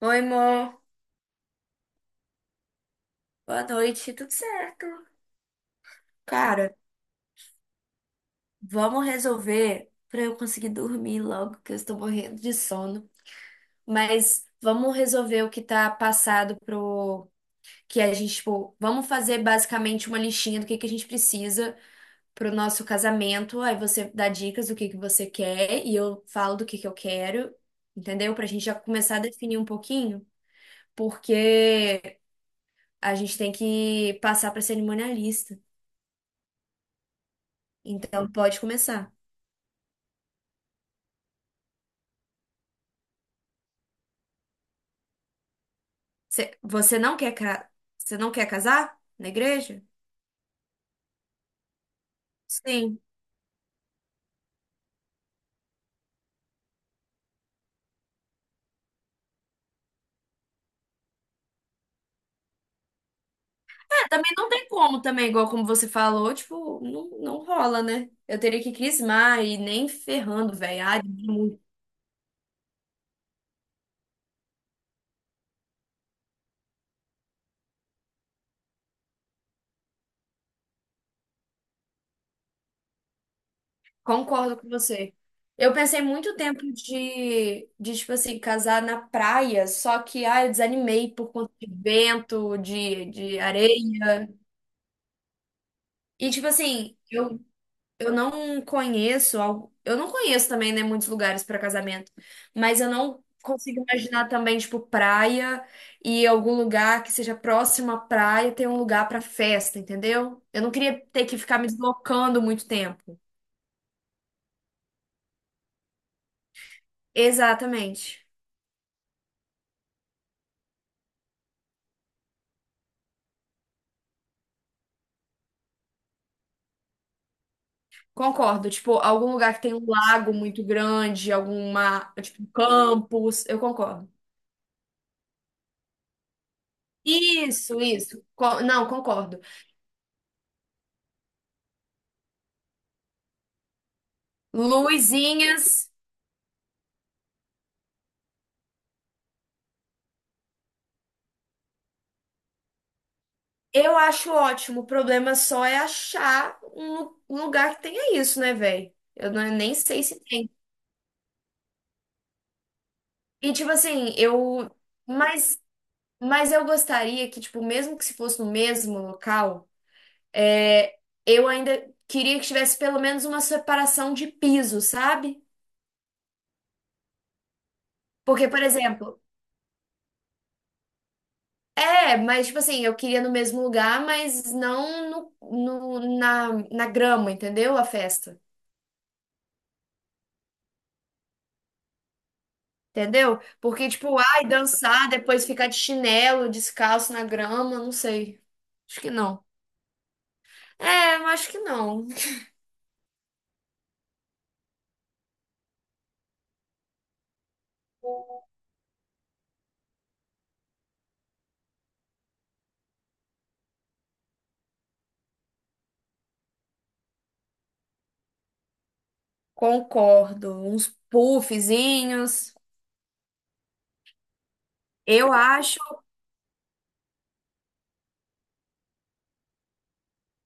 Oi, amor. Boa noite. Tudo certo? Cara, vamos resolver pra eu conseguir dormir logo, que eu estou morrendo de sono. Mas vamos resolver o que tá passado pro que a gente, tipo, vamos fazer basicamente uma listinha do que a gente precisa pro nosso casamento. Aí você dá dicas do que você quer e eu falo do que eu quero, entendeu? Pra gente já começar a definir um pouquinho, porque a gente tem que passar pra cerimonialista. Então pode começar. Você não quer, você não quer casar na igreja? Sim. É, também não tem como, também, igual como você falou, tipo, não, não rola, né? Eu teria que crismar e nem ferrando, velho. Ai, muito. Concordo com você. Eu pensei muito tempo tipo assim, casar na praia, só que, ai, eu desanimei por conta de vento, de areia. E, tipo assim, Eu não conheço, eu não conheço também, né, muitos lugares para casamento, mas eu não consigo imaginar também, tipo, praia e algum lugar que seja próximo à praia ter um lugar para festa, entendeu? Eu não queria ter que ficar me deslocando muito tempo. Exatamente. Concordo, tipo, algum lugar que tem um lago muito grande, alguma, tipo, um campus, eu concordo. Isso, isso. Não, concordo. Luzinhas. Eu acho ótimo. O problema só é achar um um lugar que tenha isso, né, velho? Eu não- Nem sei se tem. E tipo assim, eu. Mas, mas eu gostaria que, tipo, mesmo que se fosse no mesmo local, é, eu ainda queria que tivesse pelo menos uma separação de piso, sabe? Porque, por exemplo, mas tipo assim, eu queria no mesmo lugar, mas não na grama, entendeu? A festa. Entendeu? Porque, tipo, ai, dançar, depois ficar de chinelo, descalço na grama, não sei. Acho que não. É, eu acho que não. Concordo. Uns puffzinhos. Eu acho.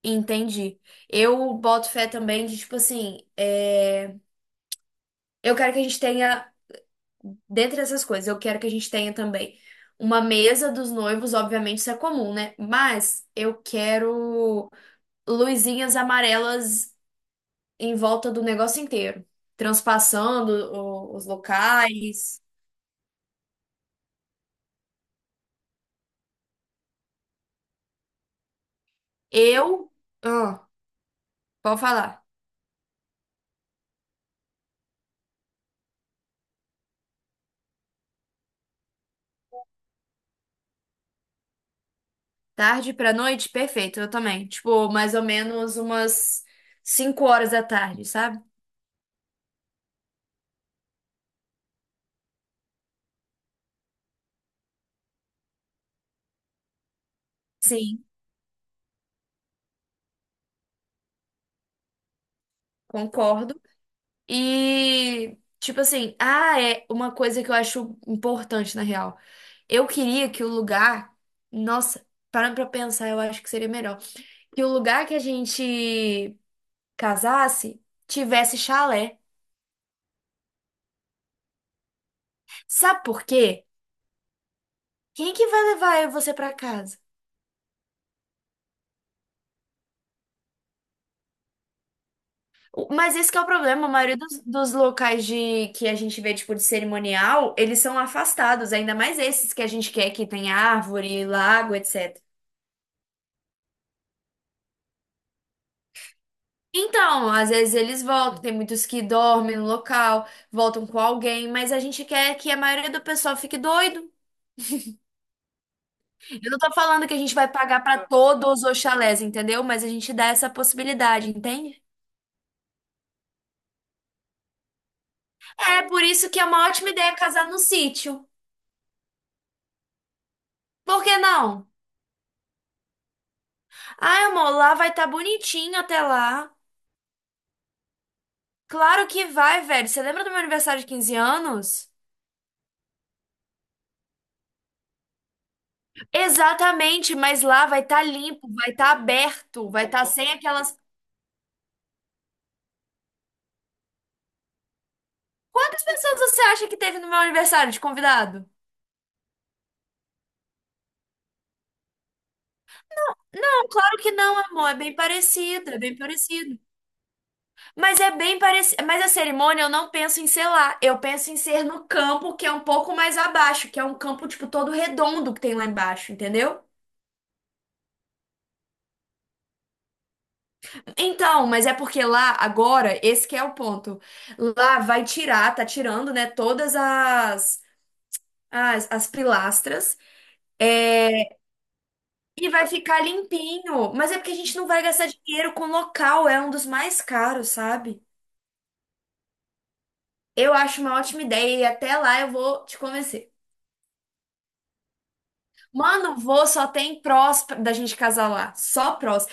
Entendi. Eu boto fé também de, tipo assim, eu quero que a gente tenha, dentre essas coisas, eu quero que a gente tenha também uma mesa dos noivos, obviamente isso é comum, né? Mas eu quero luzinhas amarelas em volta do negócio inteiro, transpassando os locais. Eu. ah, Pode falar. Tarde pra noite, perfeito, eu também. Tipo, mais ou menos umas 5 horas da tarde, sabe? Sim, concordo. E tipo assim, é uma coisa que eu acho importante na real. Eu queria que o lugar, nossa, parando pra pensar, eu acho que seria melhor que o lugar que a gente casasse tivesse chalé. Sabe por quê? Quem que vai levar você pra casa? Mas esse que é o problema, a maioria dos locais de que a gente vê, tipo, de cerimonial, eles são afastados, ainda mais esses que a gente quer que tem árvore, lago, etc. Então, às vezes eles voltam, tem muitos que dormem no local, voltam com alguém, mas a gente quer que a maioria do pessoal fique doido. Eu não tô falando que a gente vai pagar pra todos os chalés, entendeu? Mas a gente dá essa possibilidade, entende? É por isso que é uma ótima ideia casar no sítio. Por que não? Ai, amor, lá vai estar bonitinho até lá. Claro que vai, velho. Você lembra do meu aniversário de 15 anos? Exatamente, mas lá vai estar limpo, vai estar aberto, vai estar sem aquelas. Quantas pessoas você acha que teve no meu aniversário de convidado? Não, claro que não, amor. É bem parecido, é bem parecido. Mas é bem parecido. Mas a cerimônia eu não penso em ser lá. Eu penso em ser no campo que é um pouco mais abaixo, que é um campo, tipo, todo redondo que tem lá embaixo, entendeu? Então, mas é porque lá, agora, esse que é o ponto. Lá vai tirar, tá tirando, né, todas as pilastras. é, e vai ficar limpinho. Mas é porque a gente não vai gastar dinheiro com local, é um dos mais caros, sabe? Eu acho uma ótima ideia e até lá eu vou te convencer. Mano, vou só tem prós da gente casar lá. Só prós.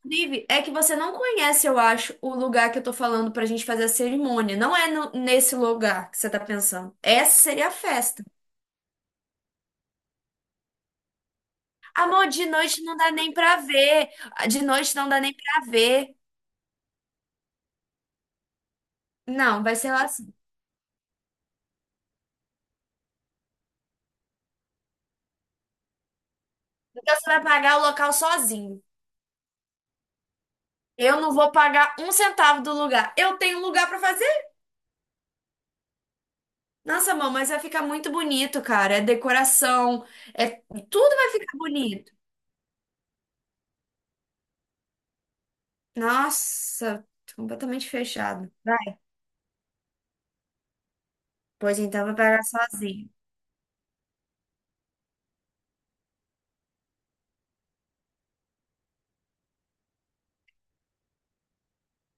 Inclusive, é que você não conhece, eu acho, o lugar que eu tô falando pra gente fazer a cerimônia. Não é nesse lugar que você tá pensando. Essa seria a festa. Amor, de noite não dá nem pra ver. De noite não dá nem pra ver. Não, vai ser lá assim. Então você vai pagar o local sozinho. Eu não vou pagar um centavo do lugar. Eu tenho lugar pra fazer. Nossa, amor, mas vai ficar muito bonito, cara. É decoração, é tudo vai ficar bonito. Nossa, tô completamente fechado. Vai, pois então vai pagar sozinho.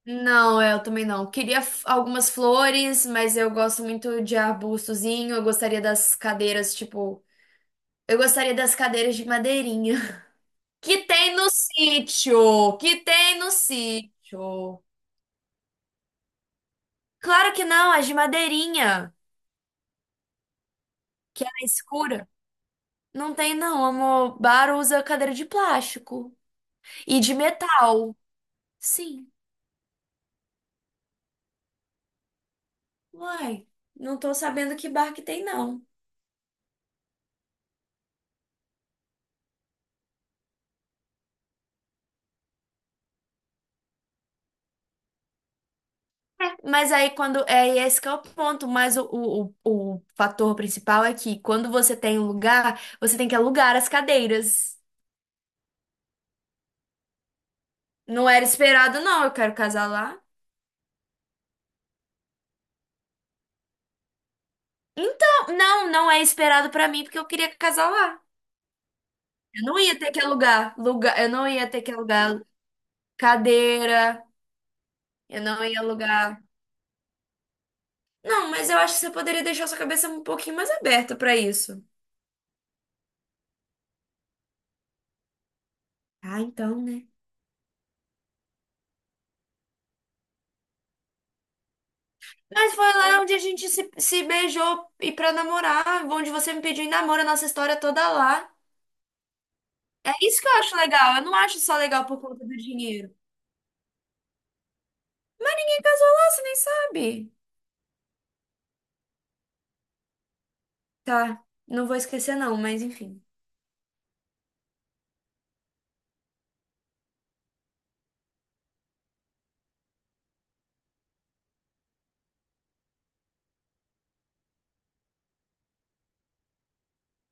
Não, é, eu também não. Queria algumas flores, mas eu gosto muito de arbustozinho. Eu gostaria das cadeiras, tipo. Eu gostaria das cadeiras de madeirinha. Que tem no sítio! Que tem no sítio! Claro que não, as de madeirinha, que era escura. Não tem, não, amor. Bar usa cadeira de plástico e de metal. Sim. Uai, não tô sabendo que bar que tem, não. É, mas aí quando. É e é esse que é o ponto. Mas o fator principal é que quando você tem um lugar, você tem que alugar as cadeiras. Não era esperado, não. Eu quero casar lá. Então, não, não é esperado pra mim, porque eu queria casar lá. Eu não ia ter que alugar lugar. Eu não ia ter que alugar cadeira. Eu não ia alugar. Não, mas eu acho que você poderia deixar sua cabeça um pouquinho mais aberta pra isso. Ah, então, né? Mas foi lá onde a gente se beijou e pra namorar, onde você me pediu em namoro a nossa história toda lá. É isso que eu acho legal. Eu não acho só legal por conta do dinheiro. Quem casou lá, você nem sabe. Tá, não vou esquecer não, mas enfim.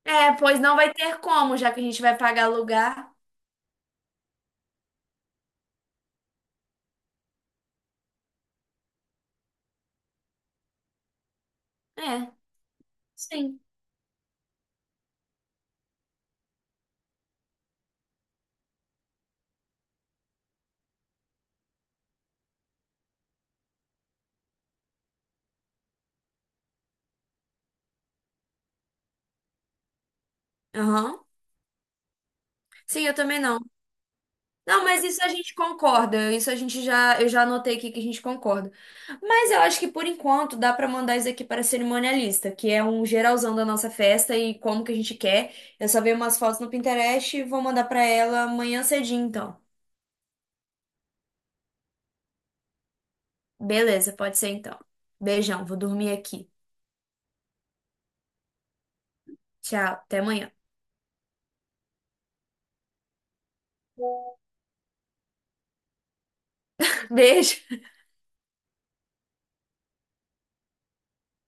É, pois não vai ter como, já que a gente vai pagar lugar. É, sim. Aham. Sim, eu também não. Não, mas isso a gente concorda. Isso a gente já, eu já anotei aqui que a gente concorda. Mas eu acho que por enquanto dá pra mandar isso aqui para a cerimonialista, que é um geralzão da nossa festa e como que a gente quer. Eu só vi umas fotos no Pinterest e vou mandar pra ela amanhã cedinho, então. Beleza, pode ser então. Beijão, vou dormir aqui. Tchau, até amanhã. Beijo.